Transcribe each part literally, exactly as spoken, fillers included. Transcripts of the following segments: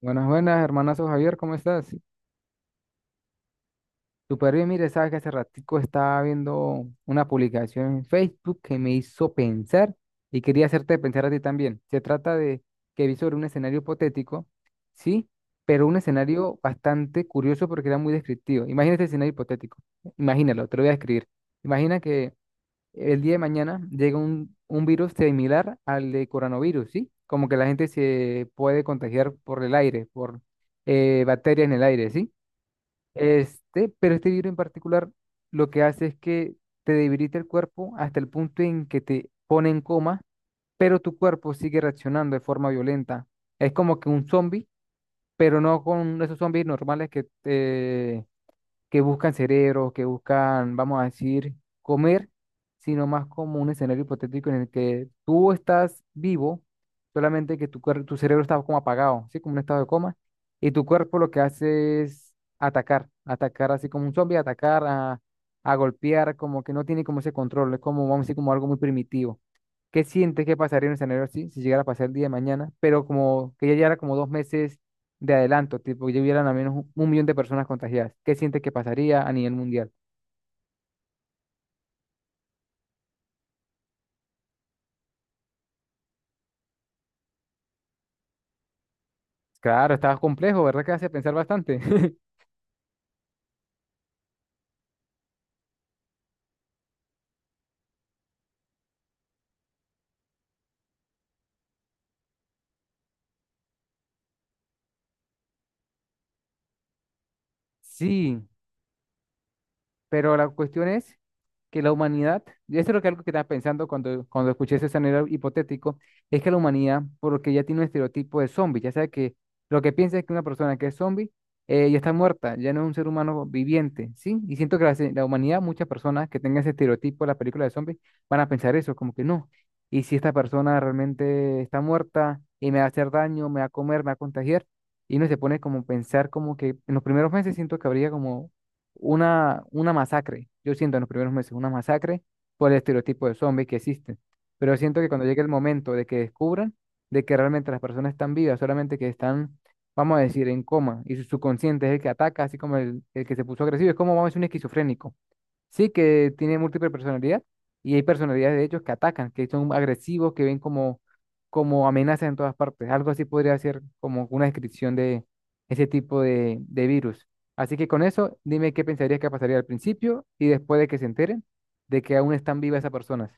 Buenas, buenas, hermanazo Javier, ¿cómo estás? Súper bien, mire, sabes que hace ratico estaba viendo una publicación en Facebook que me hizo pensar y quería hacerte pensar a ti también. Se trata de que vi sobre un escenario hipotético, sí, pero un escenario bastante curioso porque era muy descriptivo. Imagina este escenario hipotético, imagínalo, te lo voy a describir. Imagina que el día de mañana llega un, un virus similar al de coronavirus, ¿sí? Como que la gente se puede contagiar por el aire, por eh, bacterias en el aire, ¿sí? Este, pero este virus en particular lo que hace es que te debilita el cuerpo hasta el punto en que te pone en coma, pero tu cuerpo sigue reaccionando de forma violenta. Es como que un zombie, pero no con esos zombies normales que te que buscan cerebros, que buscan, vamos a decir, comer, sino más como un escenario hipotético en el que tú estás vivo, solamente que tu, cuer- tu cerebro está como apagado, ¿sí? Como un estado de coma, y tu cuerpo lo que hace es atacar, atacar así como un zombie, atacar a, a golpear, como que no tiene como ese control, es como, vamos a decir, como algo muy primitivo. ¿Qué sientes que pasaría en un escenario así si llegara a pasar el día de mañana? Pero como que ya llevara como dos meses de adelanto, tipo, ya hubieran al menos un, un millón de personas contagiadas. ¿Qué siente que pasaría a nivel mundial? Claro, estaba complejo, ¿verdad? Que hace pensar bastante. Sí, pero la cuestión es que la humanidad, y esto es lo que algo que estaba pensando cuando, cuando escuché ese escenario hipotético, es que la humanidad, porque ya tiene un estereotipo de zombie, ya sabe que lo que piensa es que una persona que es zombie eh, ya está muerta, ya no es un ser humano viviente, ¿sí? Y siento que la, se- la humanidad, muchas personas que tengan ese estereotipo de la película de zombies, van a pensar eso, como que no. Y si esta persona realmente está muerta y me va a hacer daño, me va a comer, me va a contagiar, y uno se pone como a pensar como que en los primeros meses siento que habría como una, una masacre. Yo siento en los primeros meses una masacre por el estereotipo de zombies que existe. Pero siento que cuando llegue el momento de que descubran de que realmente las personas están vivas, solamente que están, vamos a decir, en coma, y su subconsciente es el que ataca, así como el, el que se puso agresivo, es como, vamos a decir, un esquizofrénico. Sí, que tiene múltiple personalidad y hay personalidades de ellos que atacan, que son agresivos, que ven como, como amenazas en todas partes. Algo así podría ser como una descripción de ese tipo de, de virus. Así que con eso, dime qué pensarías que pasaría al principio y después de que se enteren de que aún están vivas esas personas.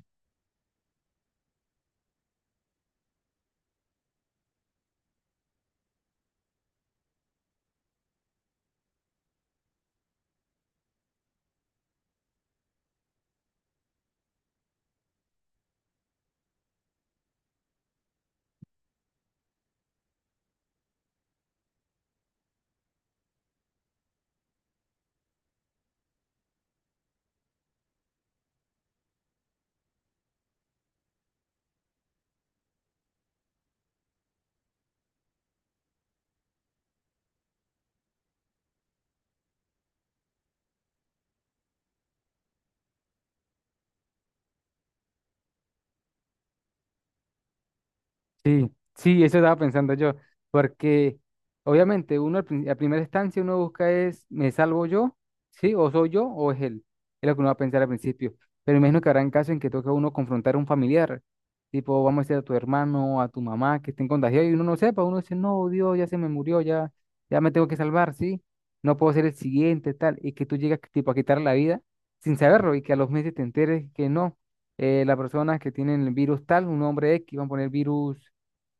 Sí, sí, eso estaba pensando yo, porque obviamente uno al prin- a primera instancia uno busca es, ¿me salvo yo? ¿Sí? ¿O soy yo? ¿O es él? Es lo que uno va a pensar al principio. Pero imagino que habrán casos en que toca a uno confrontar a un familiar, tipo, vamos a decir a tu hermano, a tu mamá, que estén contagiados y uno no sepa, uno dice, no, Dios, ya se me murió, ya, ya me tengo que salvar, ¿sí? No puedo ser el siguiente, tal, y que tú llegas tipo a quitar la vida sin saberlo y que a los meses te enteres que no. Eh, la persona que tiene el virus tal, un hombre X, van a poner virus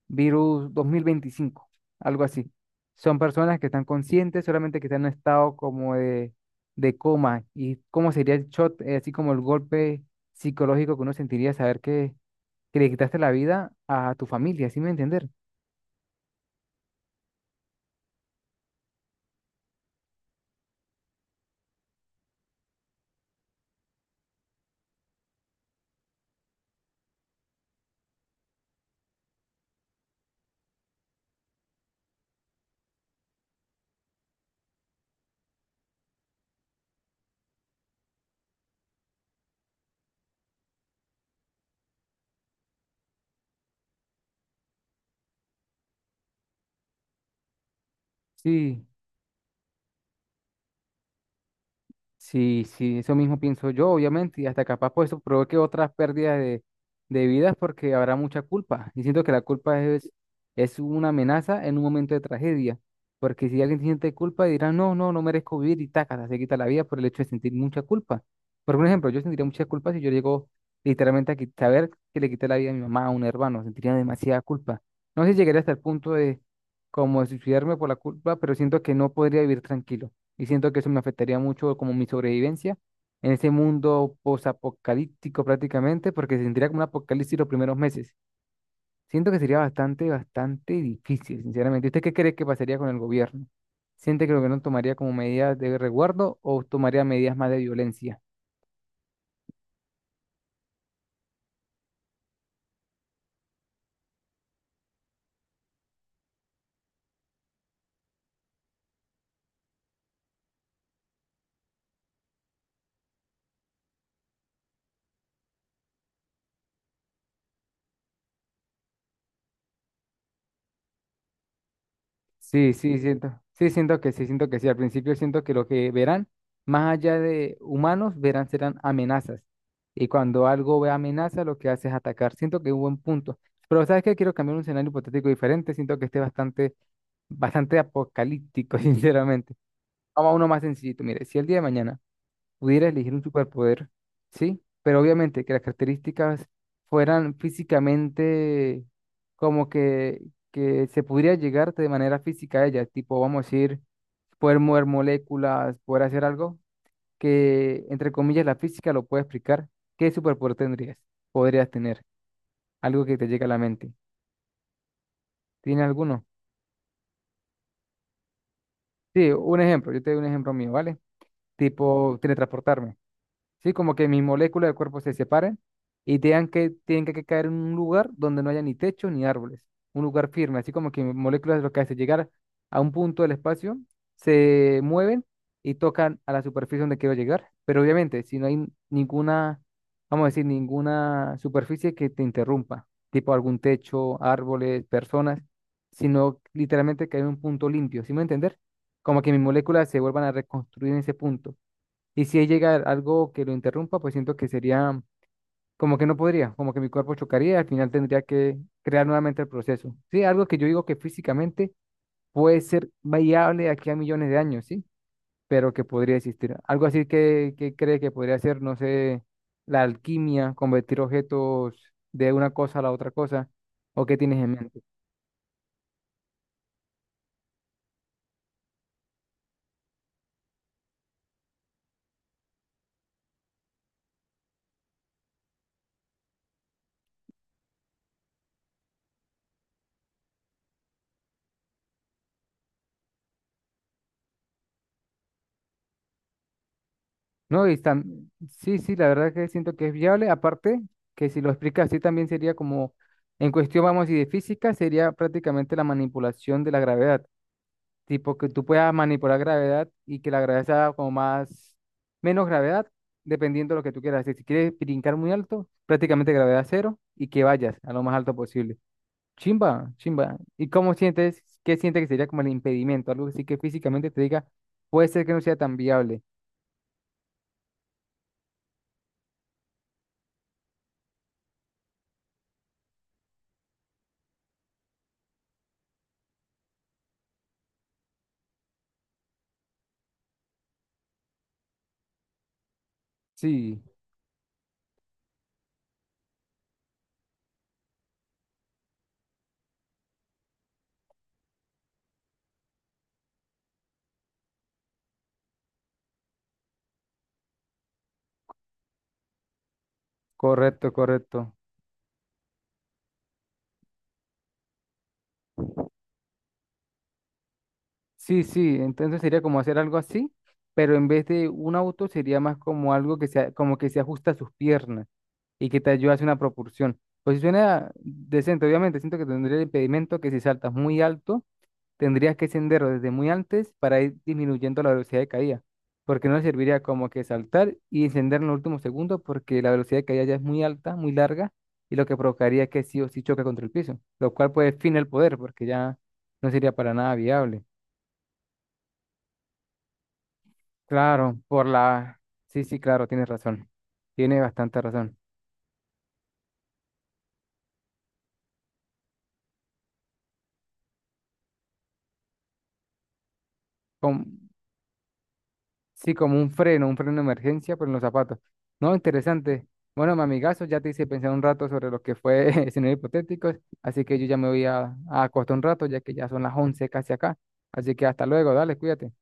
virus dos mil veinticinco algo así. Son personas que están conscientes, solamente que están en un estado como de, de coma. ¿Y cómo sería el shot, eh, así como el golpe psicológico que uno sentiría saber que, que le quitaste la vida a tu familia, ¿sí me entender? Sí, sí, sí, eso mismo pienso yo, obviamente, y hasta capaz pues eso provoque otras pérdidas de, de vidas porque habrá mucha culpa. Y siento que la culpa es, es una amenaza en un momento de tragedia, porque si alguien siente culpa dirá, no, no, no merezco vivir y tácata, se quita la vida por el hecho de sentir mucha culpa. Por un ejemplo, yo sentiría mucha culpa si yo llego literalmente a qui- saber que le quité la vida a mi mamá, a un hermano, sentiría demasiada culpa. No sé si llegaría hasta el punto de como de suicidarme por la culpa, pero siento que no podría vivir tranquilo y siento que eso me afectaría mucho como mi sobrevivencia en ese mundo posapocalíptico prácticamente, porque se sentiría como un apocalipsis los primeros meses. Siento que sería bastante, bastante difícil, sinceramente. ¿Usted qué cree que pasaría con el gobierno? ¿Siente que el gobierno tomaría como medidas de resguardo o tomaría medidas más de violencia? Sí, sí, siento, sí, siento que sí, siento que sí. Al principio siento que lo que verán, más allá de humanos, verán serán amenazas. Y cuando algo ve amenaza, lo que hace es atacar. Siento que es un buen punto. Pero ¿sabes qué? Quiero cambiar un escenario hipotético diferente. Siento que esté bastante, bastante apocalíptico, sinceramente. Vamos a uno más sencillito. Mire, si el día de mañana pudieras elegir un superpoder, ¿sí? Pero obviamente que las características fueran físicamente como que, que se pudiera llegar de manera física a ellas, tipo, vamos a decir, poder mover moléculas, poder hacer algo que, entre comillas, la física lo puede explicar. ¿Qué superpoder tendrías? Podrías tener algo que te llegue a la mente. ¿Tiene alguno? Sí, un ejemplo, yo te doy un ejemplo mío, ¿vale? Tipo, teletransportarme. Sí, como que mis moléculas del cuerpo se separen y tengan que, tienen que caer en un lugar donde no haya ni techo ni árboles, un lugar firme, así como que mis moléculas lo que hace llegar a un punto del espacio, se mueven y tocan a la superficie donde quiero llegar, pero obviamente si no hay ninguna, vamos a decir, ninguna superficie que te interrumpa, tipo algún techo, árboles, personas, sino literalmente caer en un punto limpio, ¿sí me entender? Como que mis moléculas se vuelvan a reconstruir en ese punto. Y si ahí llega algo que lo interrumpa, pues siento que sería como que no podría, como que mi cuerpo chocaría y al final tendría que crear nuevamente el proceso. Sí, algo que yo digo que físicamente puede ser viable de aquí a millones de años, sí, pero que podría existir. Algo así que, que cree que podría ser, no sé, la alquimia, convertir objetos de una cosa a la otra cosa, o qué tienes en mente. No, y están, sí, sí, la verdad que siento que es viable. Aparte, que si lo explicas así también sería como, en cuestión, vamos, y de física, sería prácticamente la manipulación de la gravedad. Tipo que tú puedas manipular gravedad y que la gravedad sea como más, menos gravedad, dependiendo de lo que tú quieras hacer. Si quieres brincar muy alto, prácticamente gravedad cero y que vayas a lo más alto posible. Chimba, chimba. ¿Y cómo sientes, qué sientes que sería como el impedimento? Algo así que físicamente te diga, puede ser que no sea tan viable. Sí. Correcto, correcto. Sí, sí, entonces sería como hacer algo así, pero en vez de un auto sería más como algo que se, como que se ajusta a sus piernas y que te ayuda a hacer una propulsión. Pues suena decente, obviamente, siento que tendría el impedimento que si saltas muy alto tendrías que ascender desde muy antes para ir disminuyendo la velocidad de caída, porque no le serviría como que saltar y descender en los últimos segundos, porque la velocidad de caída ya es muy alta, muy larga, y lo que provocaría es que sí o sí choque contra el piso, lo cual puede fin el poder, porque ya no sería para nada viable. Claro, por la... Sí, sí, claro, tienes razón. Tiene bastante razón. Con- Sí, como un freno, un freno de emergencia, pero en los zapatos. No, interesante. Bueno, mi amigazo, ya te hice pensar un rato sobre lo que fue escenarios hipotéticos, así que yo ya me voy a, a acostar un rato, ya que ya son las once casi acá. Así que hasta luego, dale, cuídate.